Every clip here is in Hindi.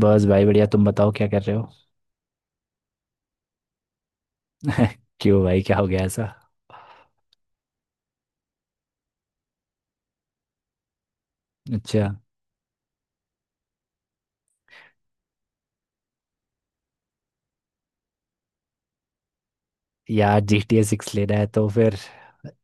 बस भाई बढ़िया। तुम बताओ क्या कर रहे हो? क्यों भाई, क्या हो गया ऐसा? अच्छा। यार जी टी ए सिक्स लेना है तो फिर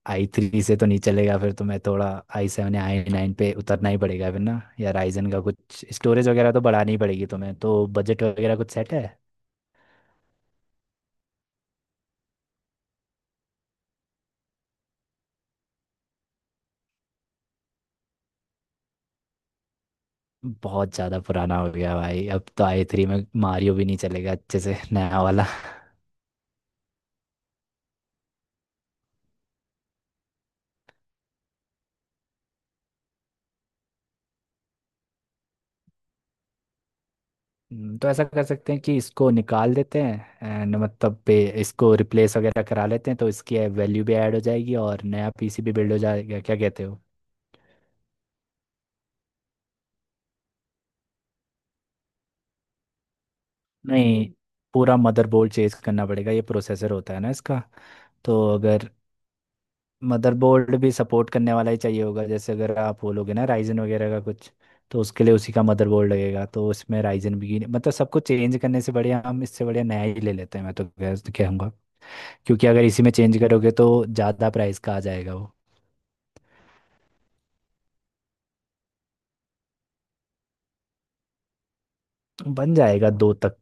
आई थ्री से तो नहीं चलेगा। फिर तुम्हें थोड़ा आई सेवन या आई नाइन पे उतरना ही पड़ेगा फिर ना, या राइजन का कुछ। स्टोरेज वगैरह तो बढ़ानी ही पड़ेगी तुम्हें। तो बजट वगैरह कुछ सेट है? बहुत ज़्यादा पुराना हो गया भाई। अब तो आई थ्री में मारियो भी नहीं चलेगा अच्छे से, नया वाला। तो ऐसा कर सकते हैं कि इसको निकाल देते हैं, एंड मतलब पे इसको रिप्लेस वगैरह करा लेते हैं, तो इसकी वैल्यू भी ऐड हो जाएगी और नया पीसीबी बिल्ड हो जाएगा। क्या कहते हो? नहीं। पूरा मदरबोर्ड चेंज करना पड़ेगा। ये प्रोसेसर होता है ना इसका। तो अगर मदरबोर्ड भी सपोर्ट करने वाला ही चाहिए होगा जैसे, अगर आप बोलोगे ना राइजन वगैरह का कुछ, तो उसके लिए उसी का मदरबोर्ड लगेगा। तो इसमें राइजन भी मतलब सब कुछ चेंज करने से बढ़िया हम इससे बढ़िया नया ही ले लेते हैं, मैं तो कह कहूँगा। क्योंकि अगर इसी में चेंज करोगे तो ज़्यादा प्राइस का आ जाएगा वो। बन जाएगा दो तक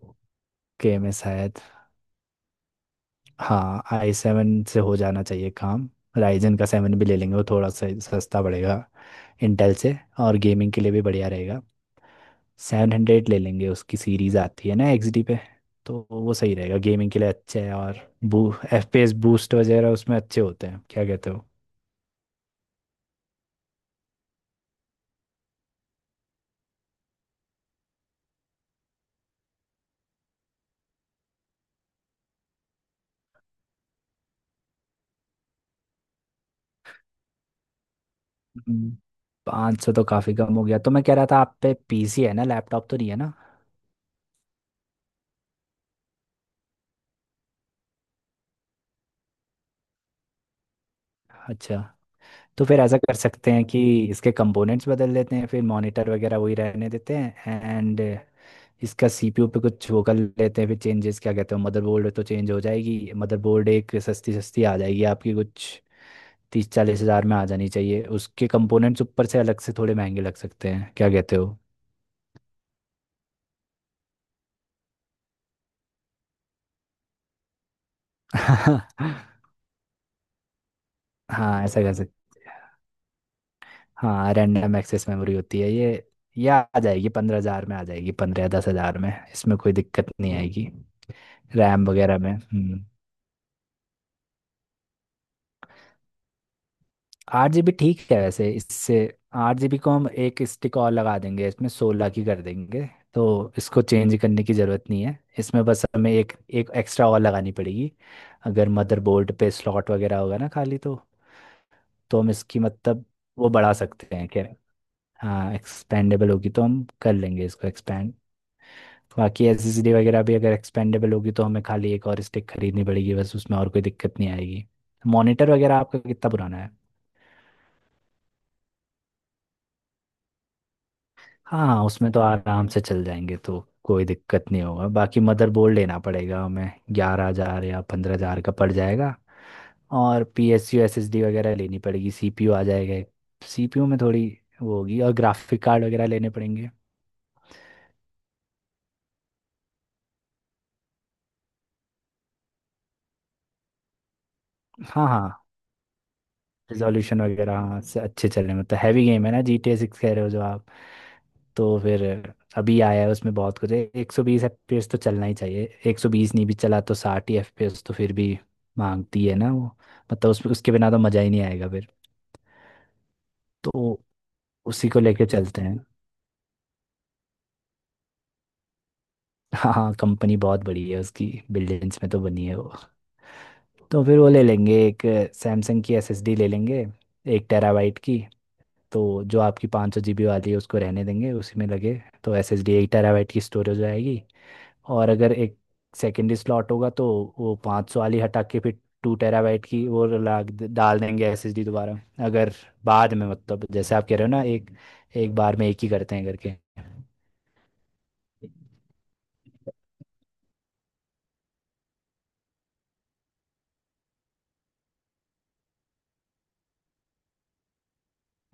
के में शायद। हाँ, आई सेवन से हो जाना चाहिए काम। राइजन का सेवन भी ले लेंगे, वो थोड़ा सा सस्ता पड़ेगा इंटेल से, और गेमिंग के लिए भी बढ़िया रहेगा। 700 ले लेंगे, उसकी सीरीज आती है ना एक्सडी पे, तो वो सही रहेगा। गेमिंग के लिए अच्छा है, और बू एफपीएस बूस्ट वगैरह उसमें अच्छे होते हैं। क्या कहते हो? पाँच सौ तो काफ़ी कम हो गया। तो मैं कह रहा था, आप पे पीसी है ना, लैपटॉप तो नहीं है ना? अच्छा। तो फिर ऐसा कर सकते हैं कि इसके कंपोनेंट्स बदल देते हैं, फिर मॉनिटर वगैरह वही रहने देते हैं, एंड इसका सीपीयू पे कुछ वो कर लेते हैं फिर चेंजेस। क्या कहते हो? मदरबोर्ड तो चेंज हो जाएगी। मदरबोर्ड एक सस्ती सस्ती आ जाएगी आपकी, कुछ 30-40 हज़ार में आ जानी चाहिए। उसके कंपोनेंट्स ऊपर से अलग से थोड़े महंगे लग सकते हैं। क्या कहते हो? हाँ, ऐसा कर सकते हैं। हाँ, रैंडम एक्सेस मेमोरी होती है ये। ये आ जाएगी 15 हज़ार में, आ जाएगी 15 या 10 हज़ार में। इसमें कोई दिक्कत नहीं आएगी। रैम वगैरह में। 8 GB ठीक है वैसे, इससे 8 GB को हम एक स्टिक और लगा देंगे, इसमें 16 की कर देंगे। तो इसको चेंज करने की ज़रूरत नहीं है। इसमें बस हमें एक एक एक्स्ट्रा और लगानी पड़ेगी, अगर मदरबोर्ड पे स्लॉट वगैरह होगा ना खाली। तो हम इसकी मतलब वो बढ़ा सकते हैं, खैर। हाँ, एक्सपेंडेबल होगी तो हम कर लेंगे इसको एक्सपेंड। बाकी एसएसडी वगैरह भी अगर एक्सपेंडेबल होगी तो हमें खाली एक और स्टिक खरीदनी पड़ेगी बस, उसमें और कोई दिक्कत नहीं आएगी। मॉनिटर वगैरह आपका कितना पुराना है? हाँ, उसमें तो आराम से चल जाएंगे, तो कोई दिक्कत नहीं होगा। बाकी मदरबोर्ड लेना पड़ेगा हमें, 11 हज़ार या 15 हज़ार का पड़ जाएगा। और P S U, S S D वगैरह लेनी पड़ेगी, सी पी यू आ जाएगा। सी पी यू में थोड़ी वो होगी, और ग्राफिक कार्ड वगैरह लेने पड़ेंगे। हाँ हाँ। रिजोल्यूशन वगैरह, हाँ, से अच्छे चल रहे हैं। मतलब हैवी गेम है ना जी टी ए सिक्स, कह रहे हो जो आप। तो फिर अभी आया है, उसमें बहुत कुछ है। 120 FPS तो चलना ही चाहिए। 120 नहीं भी चला तो 60 ही एफ पी एस तो फिर भी मांगती है ना वो। मतलब उस उसके बिना तो मज़ा ही नहीं आएगा फिर। तो उसी को लेके चलते हैं। हाँ हाँ, कंपनी बहुत बड़ी है उसकी, बिलियंस में तो बनी है वो। तो फिर वो ले लेंगे एक, सैमसंग की एस एस डी ले लेंगे 1 टेराबाइट की। तो जो आपकी 500 GB वाली है उसको रहने देंगे, उसी में लगे। तो S S D eight terabyte की स्टोरेज आएगी। और अगर एक सेकेंडरी स्लॉट होगा तो वो पाँच सौ वाली हटा के फिर 2 टेराबाइट की वो ला डाल देंगे एस एस डी, दोबारा, अगर बाद में, मतलब जैसे आप कह रहे हो ना, एक एक बार में एक ही करते हैं करके।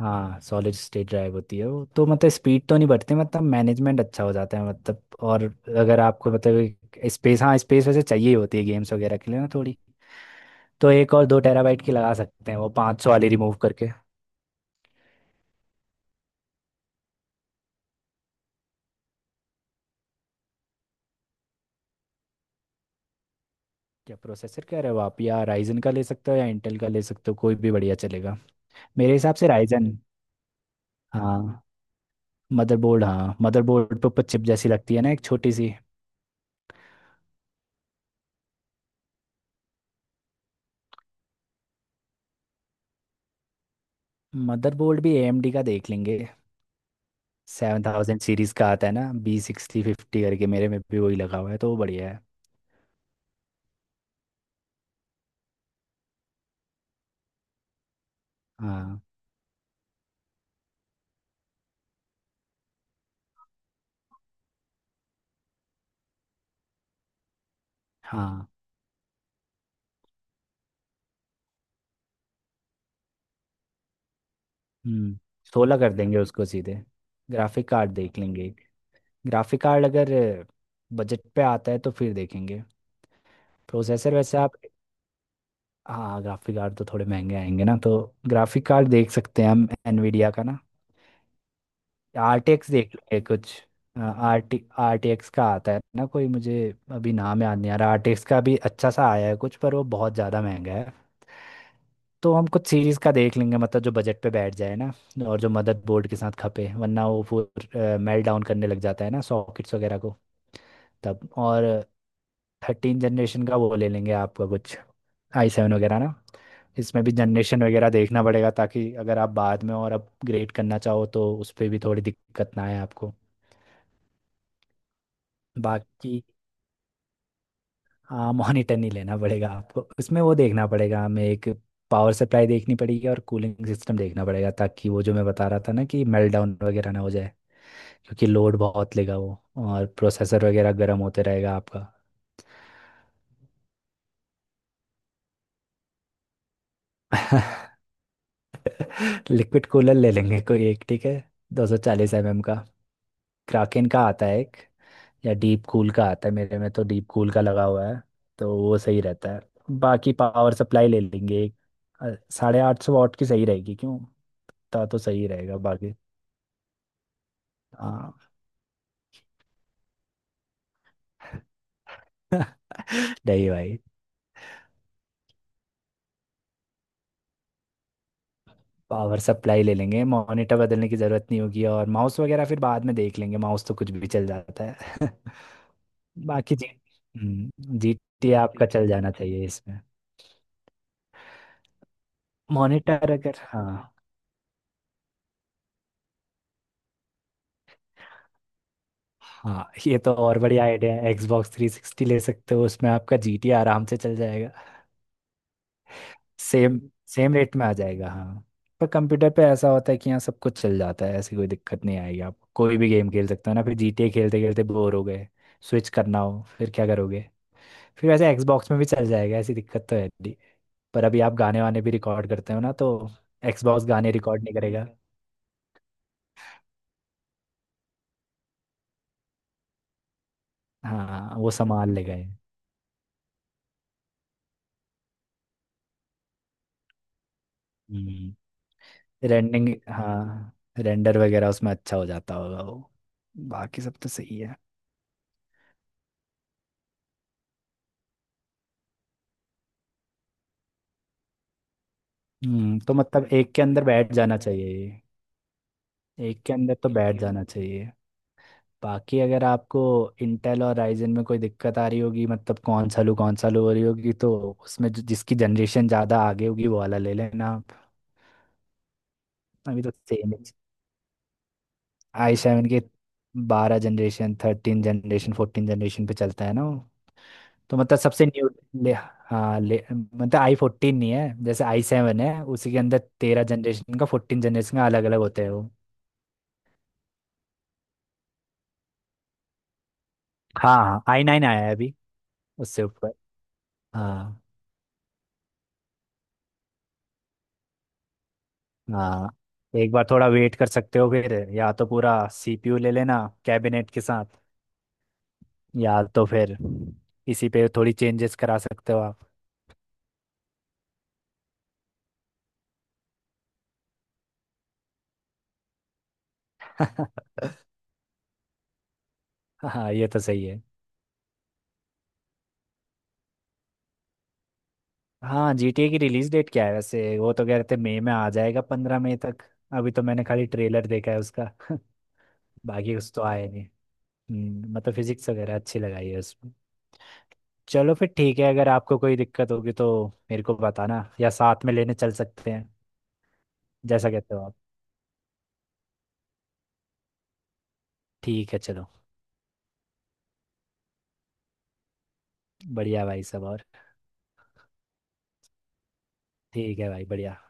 हाँ, सॉलिड स्टेट ड्राइव होती है वो तो, मतलब स्पीड तो नहीं बढ़ती, मतलब मैनेजमेंट अच्छा हो जाता है मतलब। और अगर आपको मतलब स्पेस, हाँ, स्पेस वैसे चाहिए ही होती है गेम्स वगैरह के लिए ना थोड़ी। तो एक और 2 टेराबाइट की लगा सकते हैं वो 500 वाली रिमूव करके। क्या प्रोसेसर कह रहे हो आप? या राइजन का ले सकते हो या इंटेल का ले सकते हो, कोई भी बढ़िया चलेगा। मेरे हिसाब से राइजन। हाँ। मदरबोर्ड, हाँ, मदरबोर्ड पे ऊपर चिप जैसी लगती है ना एक छोटी सी। मदरबोर्ड भी एएमडी का देख लेंगे। 7000 सीरीज का आता है ना B650 करके, मेरे में भी वही लगा हुआ है, तो वो बढ़िया है। हाँ हाँ। हम्म सोलह कर देंगे उसको सीधे। ग्राफिक कार्ड देख लेंगे। ग्राफिक कार्ड अगर बजट पे आता है तो फिर देखेंगे। प्रोसेसर वैसे आप। हाँ, ग्राफिक कार्ड तो थोड़े महंगे आएंगे ना। तो ग्राफिक कार्ड देख सकते हैं हम एनवीडिया का ना। आर टी एक्स देख लेंगे कुछ। आर टी एक्स का आता है ना कोई, मुझे अभी नाम याद नहीं आ रहा। आर टी एक्स का भी अच्छा सा आया है कुछ, पर वो बहुत ज़्यादा महंगा है। तो हम कुछ सीरीज़ का देख लेंगे, मतलब जो बजट पे बैठ जाए ना, और जो मदर बोर्ड के साथ खपे, वरना वो फिर मेल्ट डाउन करने लग जाता है ना सॉकेट्स वगैरह को तब। और 13 जनरेशन का वो ले लेंगे आपका कुछ, आई सेवन वगैरह ना। इसमें भी जनरेशन वगैरह देखना पड़ेगा, ताकि अगर आप बाद में और अपग्रेड करना चाहो तो उस पर भी थोड़ी दिक्कत ना आए आपको। बाकी, हाँ, मॉनिटर नहीं लेना पड़ेगा आपको। उसमें वो देखना पड़ेगा हमें, एक पावर सप्लाई देखनी पड़ेगी और कूलिंग सिस्टम देखना पड़ेगा, ताकि वो जो मैं बता रहा था ना कि मेल्ट डाउन वगैरह ना हो जाए। क्योंकि लोड बहुत लेगा वो, और प्रोसेसर वगैरह गर्म होते रहेगा आपका। लिक्विड कूलर ले लेंगे कोई एक, ठीक है। 240 mm का। क्राकेन का आता है एक, या डीप कूल का आता है, मेरे में तो डीप कूल का लगा हुआ है, तो वो सही रहता है। बाकी पावर सप्लाई ले लेंगे एक, 850 वाट की सही रहेगी, क्यों। ता तो सही रहेगा बाकी। हाँ। नहीं भाई। पावर सप्लाई ले लेंगे, मॉनिटर बदलने की ज़रूरत नहीं होगी, और माउस वगैरह फिर बाद में देख लेंगे, माउस तो कुछ भी चल जाता है। बाकी जी। हम्म, जी टी आपका चल जाना चाहिए इसमें। मॉनिटर अगर, हाँ, हाँ, ये तो और बढ़िया आइडिया है। Xbox 360 ले सकते हो, उसमें आपका जी टी आराम से चल जाएगा। सेम सेम रेट में आ जाएगा, हाँ। पर कंप्यूटर पे ऐसा होता है कि यहाँ सब कुछ चल जाता है, ऐसी कोई दिक्कत नहीं आएगी आपको। कोई भी गेम खेल सकते हो ना, फिर जी टी ए खेलते खेलते बोर हो गए, स्विच करना हो, फिर क्या करोगे? फिर वैसे एक्सबॉक्स में भी चल जाएगा, ऐसी दिक्कत तो है नहीं। पर अभी आप गाने वाने भी रिकॉर्ड करते हो ना, तो एक्सबॉक्स गाने रिकॉर्ड नहीं करेगा। हाँ, वो संभाल लेगा ये। हम्म रेंडिंग हाँ, रेंडर वगैरह उसमें अच्छा हो जाता होगा वो। बाकी सब तो सही है। तो मतलब एक के अंदर बैठ जाना चाहिए ये। एक के अंदर तो बैठ जाना चाहिए। बाकी अगर आपको इंटेल और राइजन में कोई दिक्कत आ रही होगी, मतलब कौन सा लूँ हो रही होगी, तो उसमें जिसकी जनरेशन ज़्यादा आगे होगी वो वाला ले लेना। अभी तो सेम ही। आई सेवन के 12 जनरेशन, 13 जनरेशन, 14 जनरेशन पे चलता है ना वो। तो मतलब सबसे न्यू ले। हाँ, ले, मतलब आई फोर्टीन नहीं है, जैसे आई सेवन है उसी के अंदर 13 जनरेशन का, 14 जनरेशन का, अलग अलग होते हैं वो। हाँ हाँ, आई नाइन आया है अभी, उससे ऊपर। हाँ हाँ। एक बार थोड़ा वेट कर सकते हो फिर, या तो पूरा सीपीयू ले लेना कैबिनेट के साथ, या तो फिर इसी पे थोड़ी चेंजेस करा सकते हो आप। हाँ, ये तो सही है। हाँ, जीटीए की रिलीज डेट क्या है वैसे? वो तो कह रहे थे मई में आ जाएगा, 15 मई तक। अभी तो मैंने खाली ट्रेलर देखा है उसका। बाकी कुछ तो आया नहीं। मतलब फिजिक्स वगैरह अच्छी लगाई है उसमें। चलो फिर ठीक है। अगर आपको कोई दिक्कत होगी तो मेरे को बताना, या साथ में लेने चल सकते हैं जैसा कहते हो आप। ठीक है चलो। बढ़िया भाई, सब और? ठीक है भाई, बढ़िया।